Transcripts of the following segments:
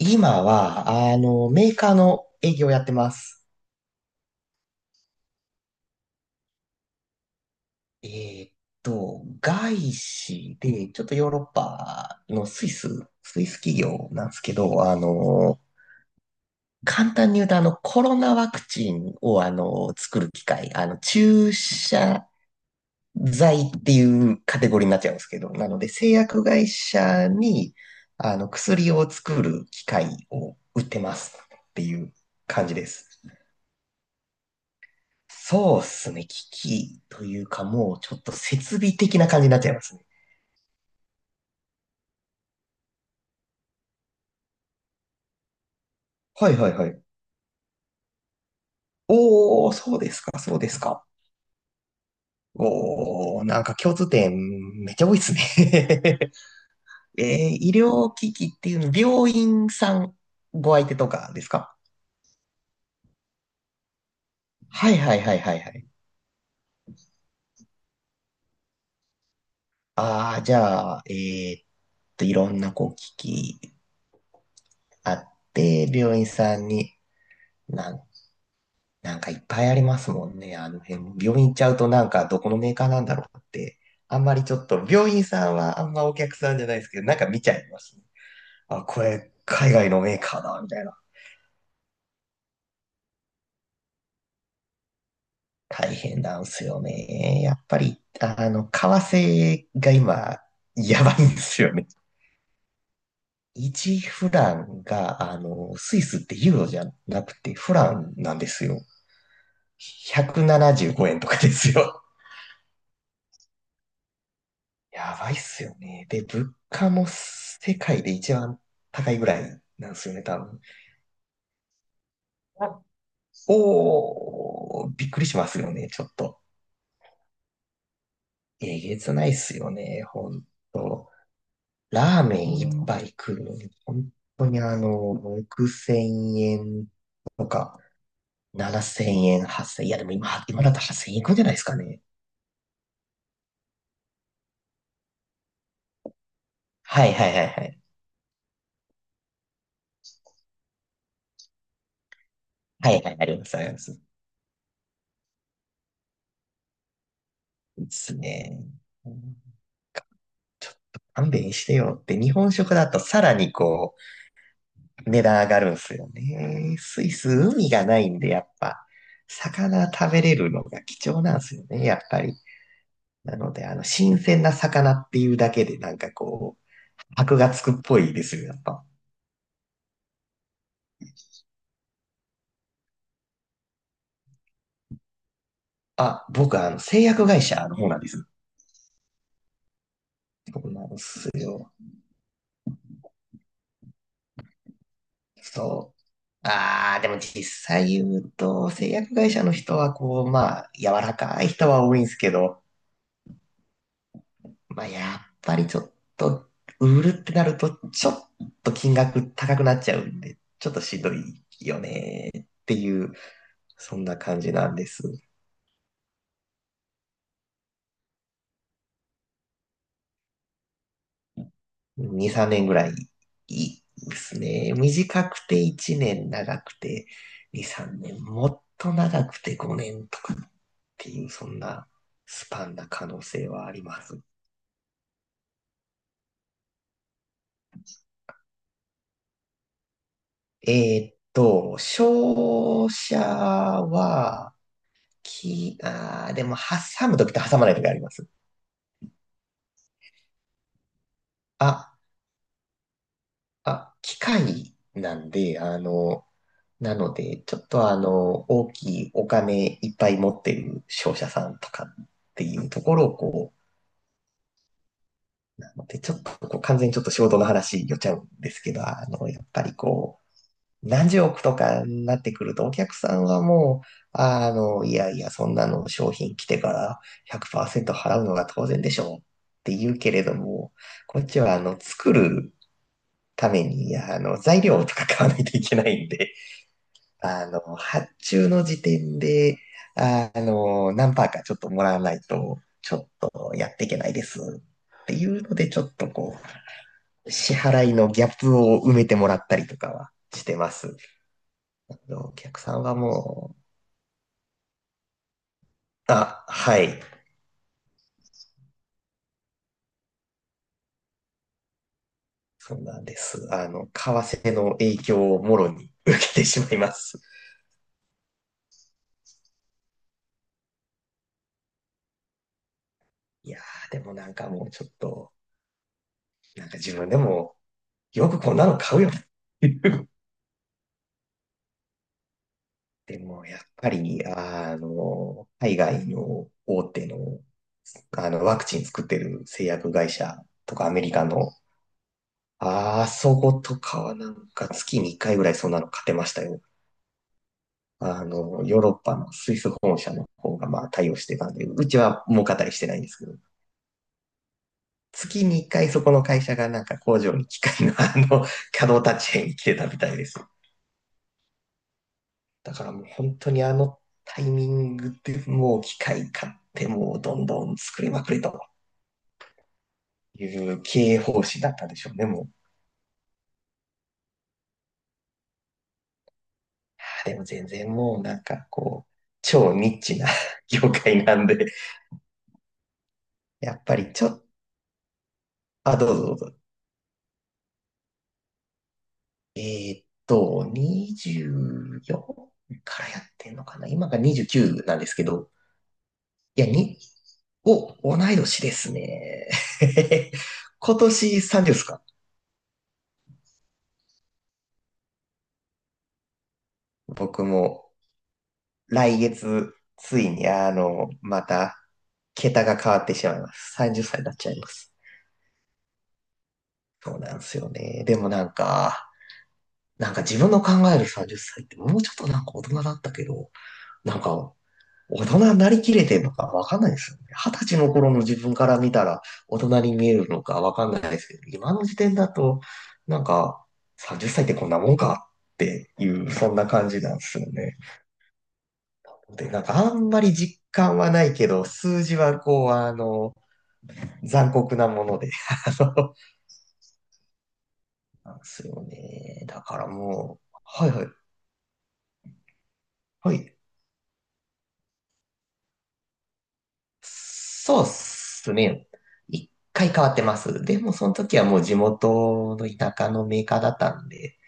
今は、メーカーの営業をやってます。えーっ外資で、ちょっとヨーロッパのスイス企業なんですけど、簡単に言うと、コロナワクチンを、作る機械、注射剤っていうカテゴリーになっちゃうんですけど、なので、製薬会社に、薬を作る機械を売ってますっていう感じです。そうっすね。危機器というか、もうちょっと設備的な感じになっちゃいますね。はいはいはい。おー、そうですか、そうですか。おー、なんか共通点めっちゃ多いっすね。え医療機器っていうの、病院さんご相手とかですか？はいはいはいはいはい。ああ、じゃあ、いろんなこう機器あって、病院さんに、なんなんかいっぱいありますもんね。あの辺も。病院行っちゃうとなんかどこのメーカーなんだろうって。あんまりちょっと、病院さんはあんまお客さんじゃないですけど、なんか見ちゃいますね。あ、これ海外のメーカーだ、みたいな。大変なんすよね。やっぱり、為替が今、やばいんですよね。1フランが、スイスってユーロじゃなくてフランなんですよ。175円とかですよ。やばいっすよね。で、物価も世界で一番高いぐらいなんですよね、多分。おー、びっくりしますよね、ちょっと。えげつないっすよね、ほんと。ラーメン1杯食うのに、本当に6000円とか、7000円、8000円。いや、でも今だと8000円いくんじゃないですかね。はいはいはいはい。はいはい、あります、あります。ですね。うん勘弁してよって、日本食だとさらにこう、値段上がるんすよね。スイス、海がないんで、やっぱ、魚食べれるのが貴重なんですよね、やっぱり。なので、新鮮な魚っていうだけで、なんかこう、箔がつくっぽいですよ、やっぱ。あ、僕、製薬会社の方なんです。そうなんですよそう。ああ、でも実際言うと、製薬会社の人は、こう、まあ、柔らかい人は多いんですけど、まあ、やっぱりちょっと、売るってなると、ちょっと金額高くなっちゃうんで、ちょっとしんどいよねっていう、そんな感じなんです。2、3年ぐらいいいですね。短くて1年、長くて2、3年、もっと長くて5年とかっていう、そんなスパンな可能性はあります。商社は、き、あーでも挟むときと挟まないときあります。あ、あ、機械なんで、なので、ちょっと大きいお金いっぱい持ってる商社さんとかっていうところをこう、なので、ちょっとこう、完全にちょっと仕事の話寄っちゃうんですけど、やっぱりこう、何十億とかになってくると、お客さんはもう、いやいや、そんなの商品来てから100%払うのが当然でしょうって言うけれども、こっちは作るために、材料とか買わないといけないんで、発注の時点で、何パーかちょっともらわないと、ちょっとやっていけないですっていうので、ちょっとこう、支払いのギャップを埋めてもらったりとかはしてます。お客さんはもう、あ、はい、そうなんです。為替の影響をもろに受けてしまいます。いやー、でもなんかもうちょっと、なんか自分でも、よくこんなの買うよっていう でも、やっぱり、海外の大手の、ワクチン作ってる製薬会社とかアメリカの、あそことかはなんか月に1回ぐらいそんなの勝てましたよ。ヨーロッパのスイス本社の方がまあ対応してたんで、うちは儲かったりしてないんですけど、月に1回そこの会社がなんか工場に機械の 稼働立ち会に来てたみたいです。だからもう本当にあのタイミングでもう機械買ってもうどんどん作りまくりと。いう経営方針だったんでしょうね、もう。あーでも全然もうなんかこう、超ニッチな 業界なんで、やっぱりちょっと、あ、どうぞどうぞ。え24からやってんのかな今が29なんですけど、いや、お、同い年ですね。今年30ですか？僕も来月、ついにまた、桁が変わってしまいます。30歳になっちゃいます。そうなんですよね。でもなんか、自分の考える30歳っさいってもうちょっとなんか大人だったけど、なんか大人になりきれてるのかわかんないですよね。20歳の頃の自分から見たら大人に見えるのかわかんないですけど、今の時点だと、なんか30歳っさいってこんなもんかっていう、そんな感じなんですよね。で、なんかあんまり実感はないけど、数字はこう、残酷なもので、あの、なんですよね。だからもう、はいはい。はい。そうっすね。一回変わってます。でもその時はもう地元の田舎のメーカーだったんで、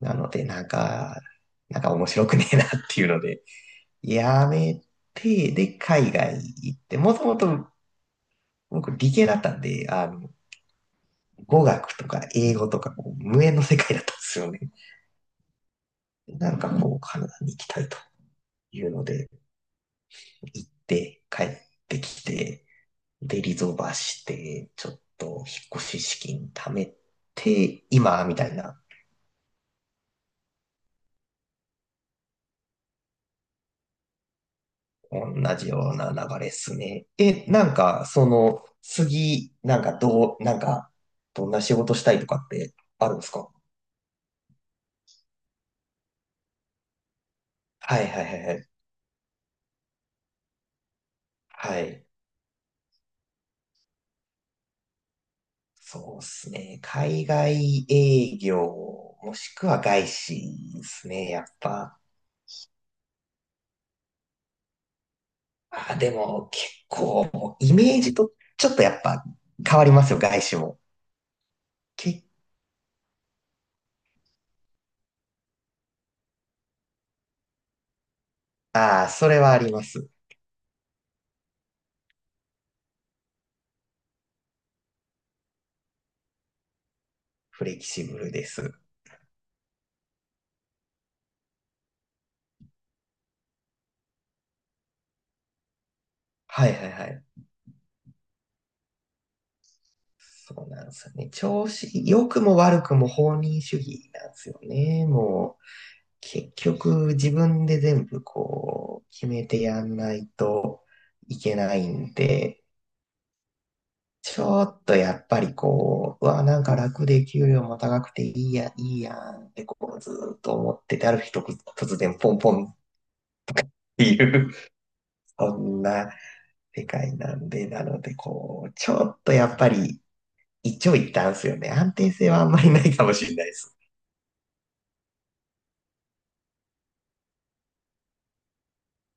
なのでなんか面白くねえなっていうので、やめて、で、海外行って、もともと僕理系だったんで、語学とか英語とかこう無縁の世界だったんですよね。なんかこう、カナダに行きたいというので、行って帰ってきて、で、リゾバして、ちょっと引っ越し資金貯めて、今、みたいな、同じような流れっすね。え、なんか、その、次、なんか、どう、なんか、どんな仕事したいとかってあるんですか？はいはいはいはい。はい。そうですね。海外営業、もしくは外資ですね、やっぱ。あ、でも結構、イメージとちょっとやっぱ変わりますよ、外資も。け、ああ、それはあります。フレキシブルです。はいはいはい。そうなんですよね。調子、良くも悪くも放任主義なんですよね。もう、結局自分で全部こう、決めてやんないといけないんで、ちょっとやっぱりこう、うわ、なんか楽で給料も高くていいや、いいやんってこう、ずーっと思ってて、ある日突然ポンポンっていう、そんな世界なんで、なのでこう、ちょっとやっぱり一長一短っすよね。安定性はあんまりないかもしれないです。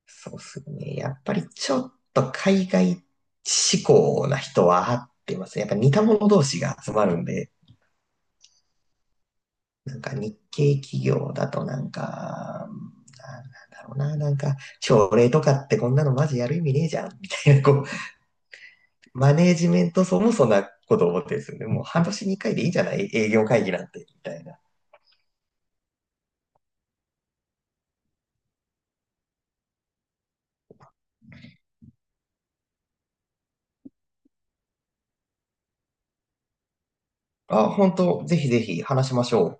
そうっすね。やっぱりちょっと海外志向な人は合ってます。やっぱ似た者同士が集まるんで、なんか日系企業だとなんか、なんだろうな、なんか、朝礼とかってこんなのマジやる意味ねえじゃん、みたいな、こう、マネージメント層もそんなこと思ってるんですよね。もう半年に1回でいいんじゃない営業会議なんて、みたいな。あ、本当ぜひぜひ話しましょう。